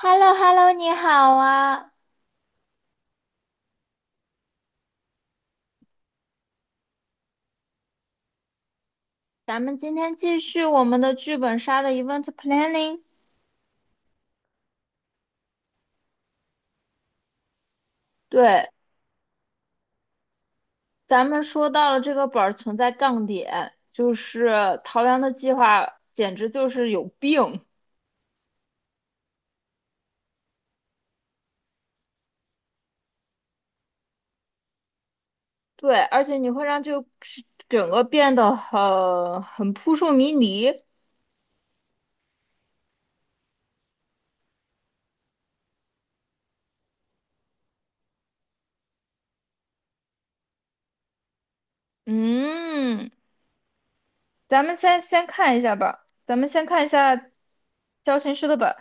h e l l o h e l l o 你好啊！咱们今天继续我们的剧本杀的 event planning。对，咱们说到了这个本儿存在杠点，就是陶阳的计划简直就是有病。对，而且你会让这个整个变得很扑朔迷离。嗯，咱们先看一下吧，咱们先看一下教程书的本，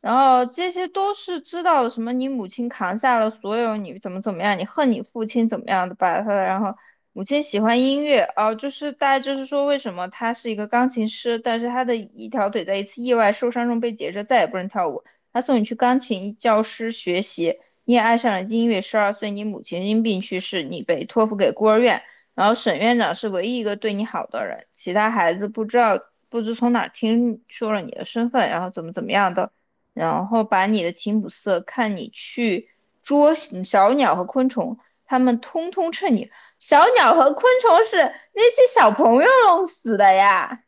然后这些都是知道的，什么你母亲扛下了所有，你怎么怎么样，你恨你父亲怎么样的吧，他然后母亲喜欢音乐，啊，就是大概就是说为什么他是一个钢琴师，但是他的一条腿在一次意外受伤中被截肢，再也不能跳舞，他送你去钢琴教师学习，你也爱上了音乐，12岁你母亲因病去世，你被托付给孤儿院。然后沈院长是唯一一个对你好的人，其他孩子不知道不知从哪儿听说了你的身份，然后怎么怎么样的，然后把你的琴谱色，看你去捉小鸟和昆虫，他们通通趁你。小鸟和昆虫是那些小朋友弄死的呀，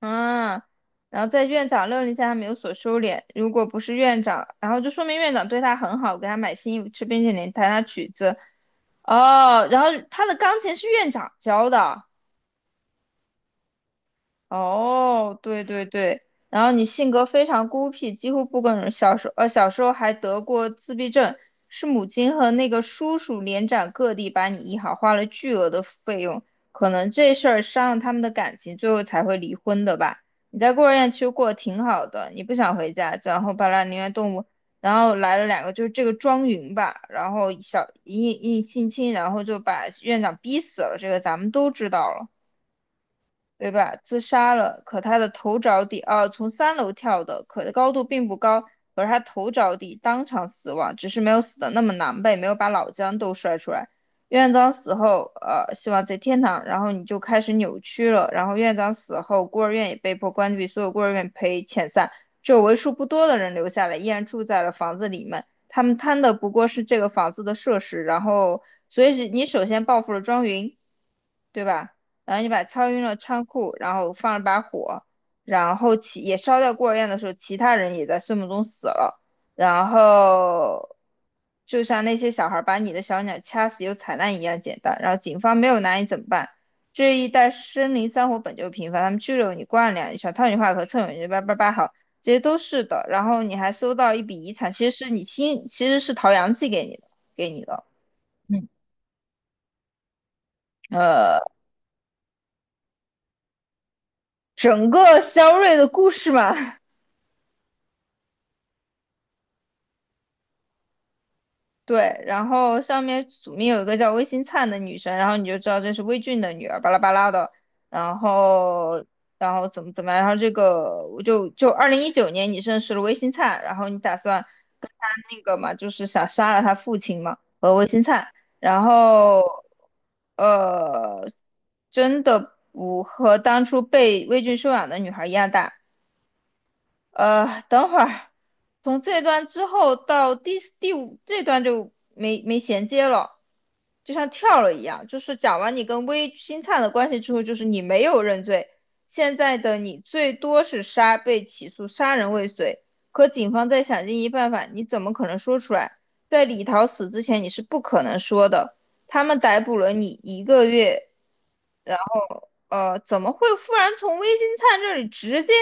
嗯。然后在院长命令下，他们有所收敛。如果不是院长，然后就说明院长对他很好，给他买新衣服、吃冰淇淋、弹他曲子，哦，然后他的钢琴是院长教的，哦，对对对，然后你性格非常孤僻，几乎不跟人。小时候，小时候还得过自闭症，是母亲和那个叔叔连展各地把你医好，花了巨额的费用。可能这事儿伤了他们的感情，最后才会离婚的吧。你在孤儿院其实过得挺好的，你不想回家，然后巴拉宁愿动物，然后来了两个，就是这个庄云吧，然后小一一性侵，然后就把院长逼死了，这个咱们都知道了。对吧？自杀了，可他的头着地，啊，从3楼跳的，可高度并不高，可是他头着地，当场死亡，只是没有死的那么狼狈，没有把脑浆都摔出来。院长死后，希望在天堂，然后你就开始扭曲了。然后院长死后，孤儿院也被迫关闭，所有孤儿院被遣散，只有为数不多的人留下来，依然住在了房子里面。他们贪的不过是这个房子的设施，然后，所以是你首先报复了庄云。对吧？然后你把敲晕了仓库，然后放了把火，然后其也烧掉孤儿院的时候，其他人也在睡梦中死了。然后就像那些小孩把你的小鸟掐死又踩烂一样简单。然后警方没有拿你怎么办？这一带森林山火本就频繁，他们拘留你、关了两小套你话和蹭你叭叭叭好，这些都是的。然后你还收到一笔遗产，其实是你亲，其实是陶阳寄给你的，给你的。嗯，呃，整个肖瑞的故事嘛，对，然后上面署名有一个叫魏新灿的女生，然后你就知道这是魏俊的女儿，巴拉巴拉的。然后，然后怎么怎么样？然后这个我就2019年你认识了魏新灿，然后你打算跟他那个嘛，就是想杀了他父亲嘛，和魏新灿。然后，呃，真的不和当初被魏俊收养的女孩一样大。等会儿，从这段之后到第五这段就没衔接了，就像跳了一样。就是讲完你跟微星灿的关系之后，就是你没有认罪，现在的你最多是杀，被起诉杀人未遂。可警方在想尽一切办法，你怎么可能说出来？在李桃死之前，你是不可能说的。他们逮捕了你一个月。呃怎么会忽然从微金灿这里直接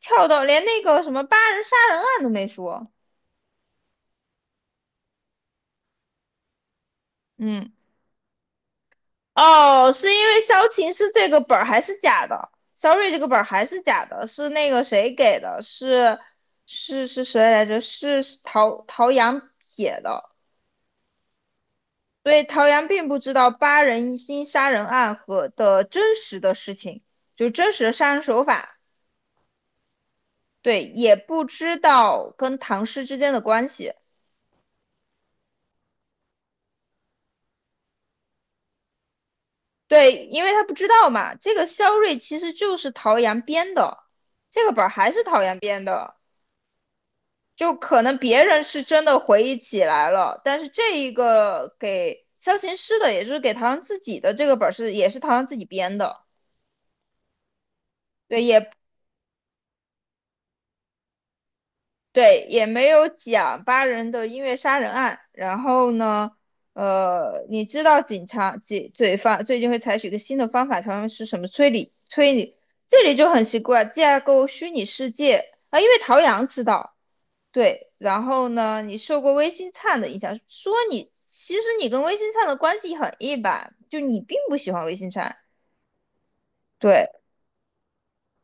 跳到连那个什么八人杀人案都没说？嗯，哦，是因为萧琴是这个本儿还是假的？肖瑞这个本儿还是假的，是那个谁给的？是是谁来着？是陶阳写的，所以陶阳并不知道八人心杀人案和的真实的事情，就真实的杀人手法，对，也不知道跟唐诗之间的关系。对，因为他不知道嘛，这个肖瑞其实就是陶阳编的，这个本儿还是陶阳编的，就可能别人是真的回忆起来了，但是这一个给萧琴师的，也就是给陶阳自己的这个本儿是也是陶阳自己编的，对，也对，也没有讲八人的音乐杀人案。然后呢，你知道警察、警罪犯最近会采取一个新的方法，他们是什么推理？推理这里就很奇怪，架构虚拟世界啊，因为陶阳知道，对。然后呢，你受过微星灿的影响，说你其实你跟微星灿的关系很一般，就你并不喜欢微星灿，对。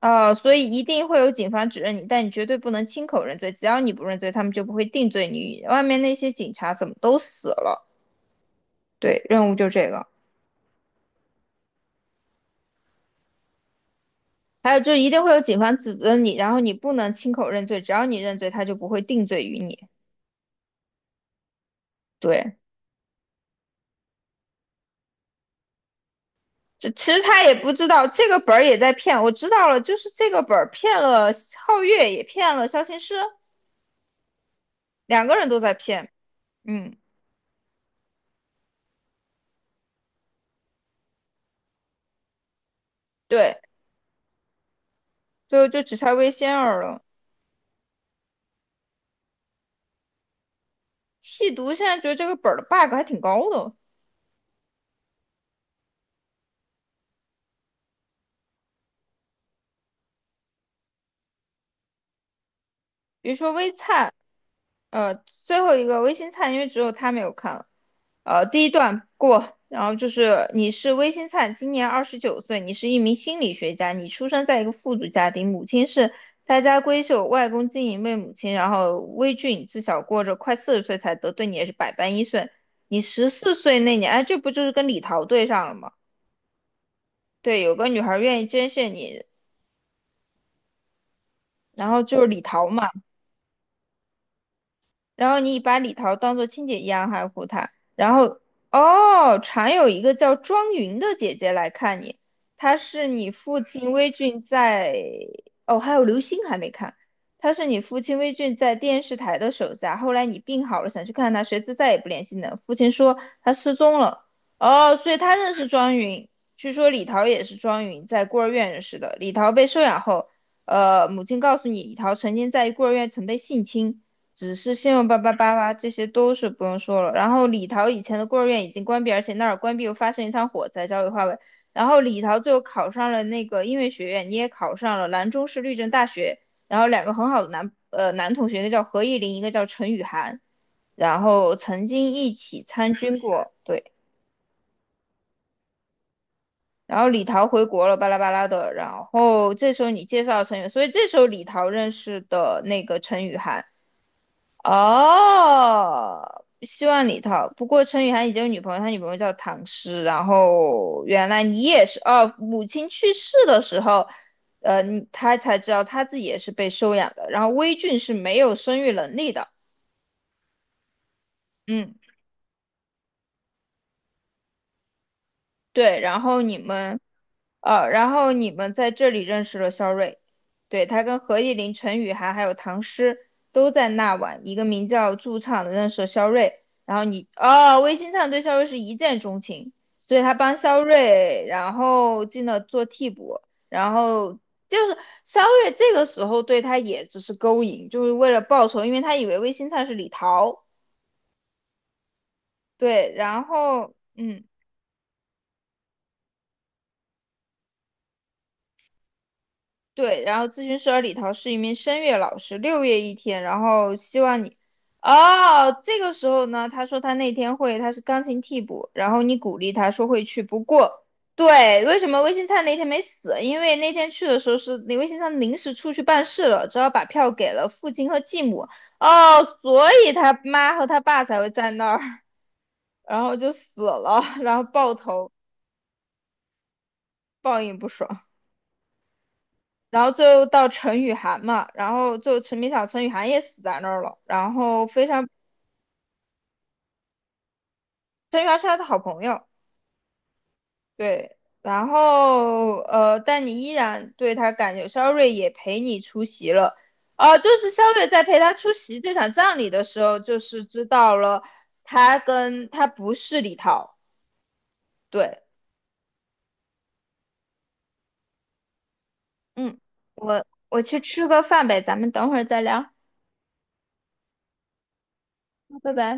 所以一定会有警方指认你，但你绝对不能亲口认罪。只要你不认罪，他们就不会定罪你。外面那些警察怎么都死了？对，任务就这个。还有就是一定会有警方指责你，然后你不能亲口认罪，只要你认罪，他就不会定罪于你。对，这其实他也不知道这个本儿也在骗，我知道了，就是这个本儿骗了皓月，也骗了肖琴师，两个人都在骗。嗯，对，最后就只差魏仙儿了。细读现在觉得这个本儿的 bug 还挺高的。比如说微灿，呃，最后一个微星灿，因为只有他没有看了。第一段过，然后就是你是微星灿，今年29岁，你是一名心理学家，你出生在一个富足家庭，母亲是大家闺秀，外公经营为母亲，然后微俊自小过着快40岁才得，对你也是百般依顺。你14岁那年，哎，这不就是跟李桃对上了吗？对，有个女孩愿意捐献你，然后就是李桃嘛。然后你把李桃当做亲姐一样爱护她。然后，哦，常有一个叫庄云的姐姐来看你，她是你父亲微俊在，哦，还有刘星还没看，他是你父亲微俊在电视台的手下。后来你病好了，想去看他，谁知再也不联系呢。父亲说他失踪了，哦，所以他认识庄云。据说李桃也是庄云在孤儿院认识的。李桃被收养后，母亲告诉你，李桃曾经在孤儿院曾被性侵。只是信用八八八八，这些都是不用说了。然后李桃以前的孤儿院已经关闭，而且那儿关闭又发生一场火灾，焦尾化为。然后李桃最后考上了那个音乐学院，你也考上了兰州市律政大学。然后两个很好的男同学，一个叫何意林，一个叫陈雨涵，然后曾经一起参军过，对。然后李桃回国了，巴拉巴拉的。然后这时候你介绍陈雨，所以这时候李桃认识的那个陈雨涵。哦，希望里头。不过陈雨涵已经有女朋友，他女朋友叫唐诗。然后原来你也是哦，母亲去世的时候，你他才知道他自己也是被收养的。然后微俊是没有生育能力的，嗯。对，然后你们，然后你们在这里认识了肖瑞，对，他跟何意林、陈雨涵还有唐诗都在那晚一个名叫驻唱的认识了肖瑞，然后你，哦，魏新灿对肖瑞是一见钟情，所以他帮肖瑞，然后进了做替补，然后就是肖瑞这个时候对他也只是勾引，就是为了报仇，因为他以为魏新灿是李桃，对，然后，嗯。对，然后咨询师而李桃是一名声乐老师，6月一天，然后希望你，哦，这个时候呢，他说他那天会，他是钢琴替补，然后你鼓励他说会去，不过，对，为什么微信灿那天没死？因为那天去的时候是你微信灿临时出去办事了，只好把票给了父亲和继母，哦，所以他妈和他爸才会在那儿，然后就死了，然后抱头，报应不爽。然后最后到陈雨涵嘛，然后最后陈明晓、陈雨涵也死在那儿了。然后非常，陈雨涵是他的好朋友，对。然后但你依然对他感觉，肖瑞也陪你出席了。就是肖瑞在陪他出席这场葬礼的时候，就是知道了他跟他不是李涛，对，嗯，我去吃个饭呗，咱们等会儿再聊，拜拜。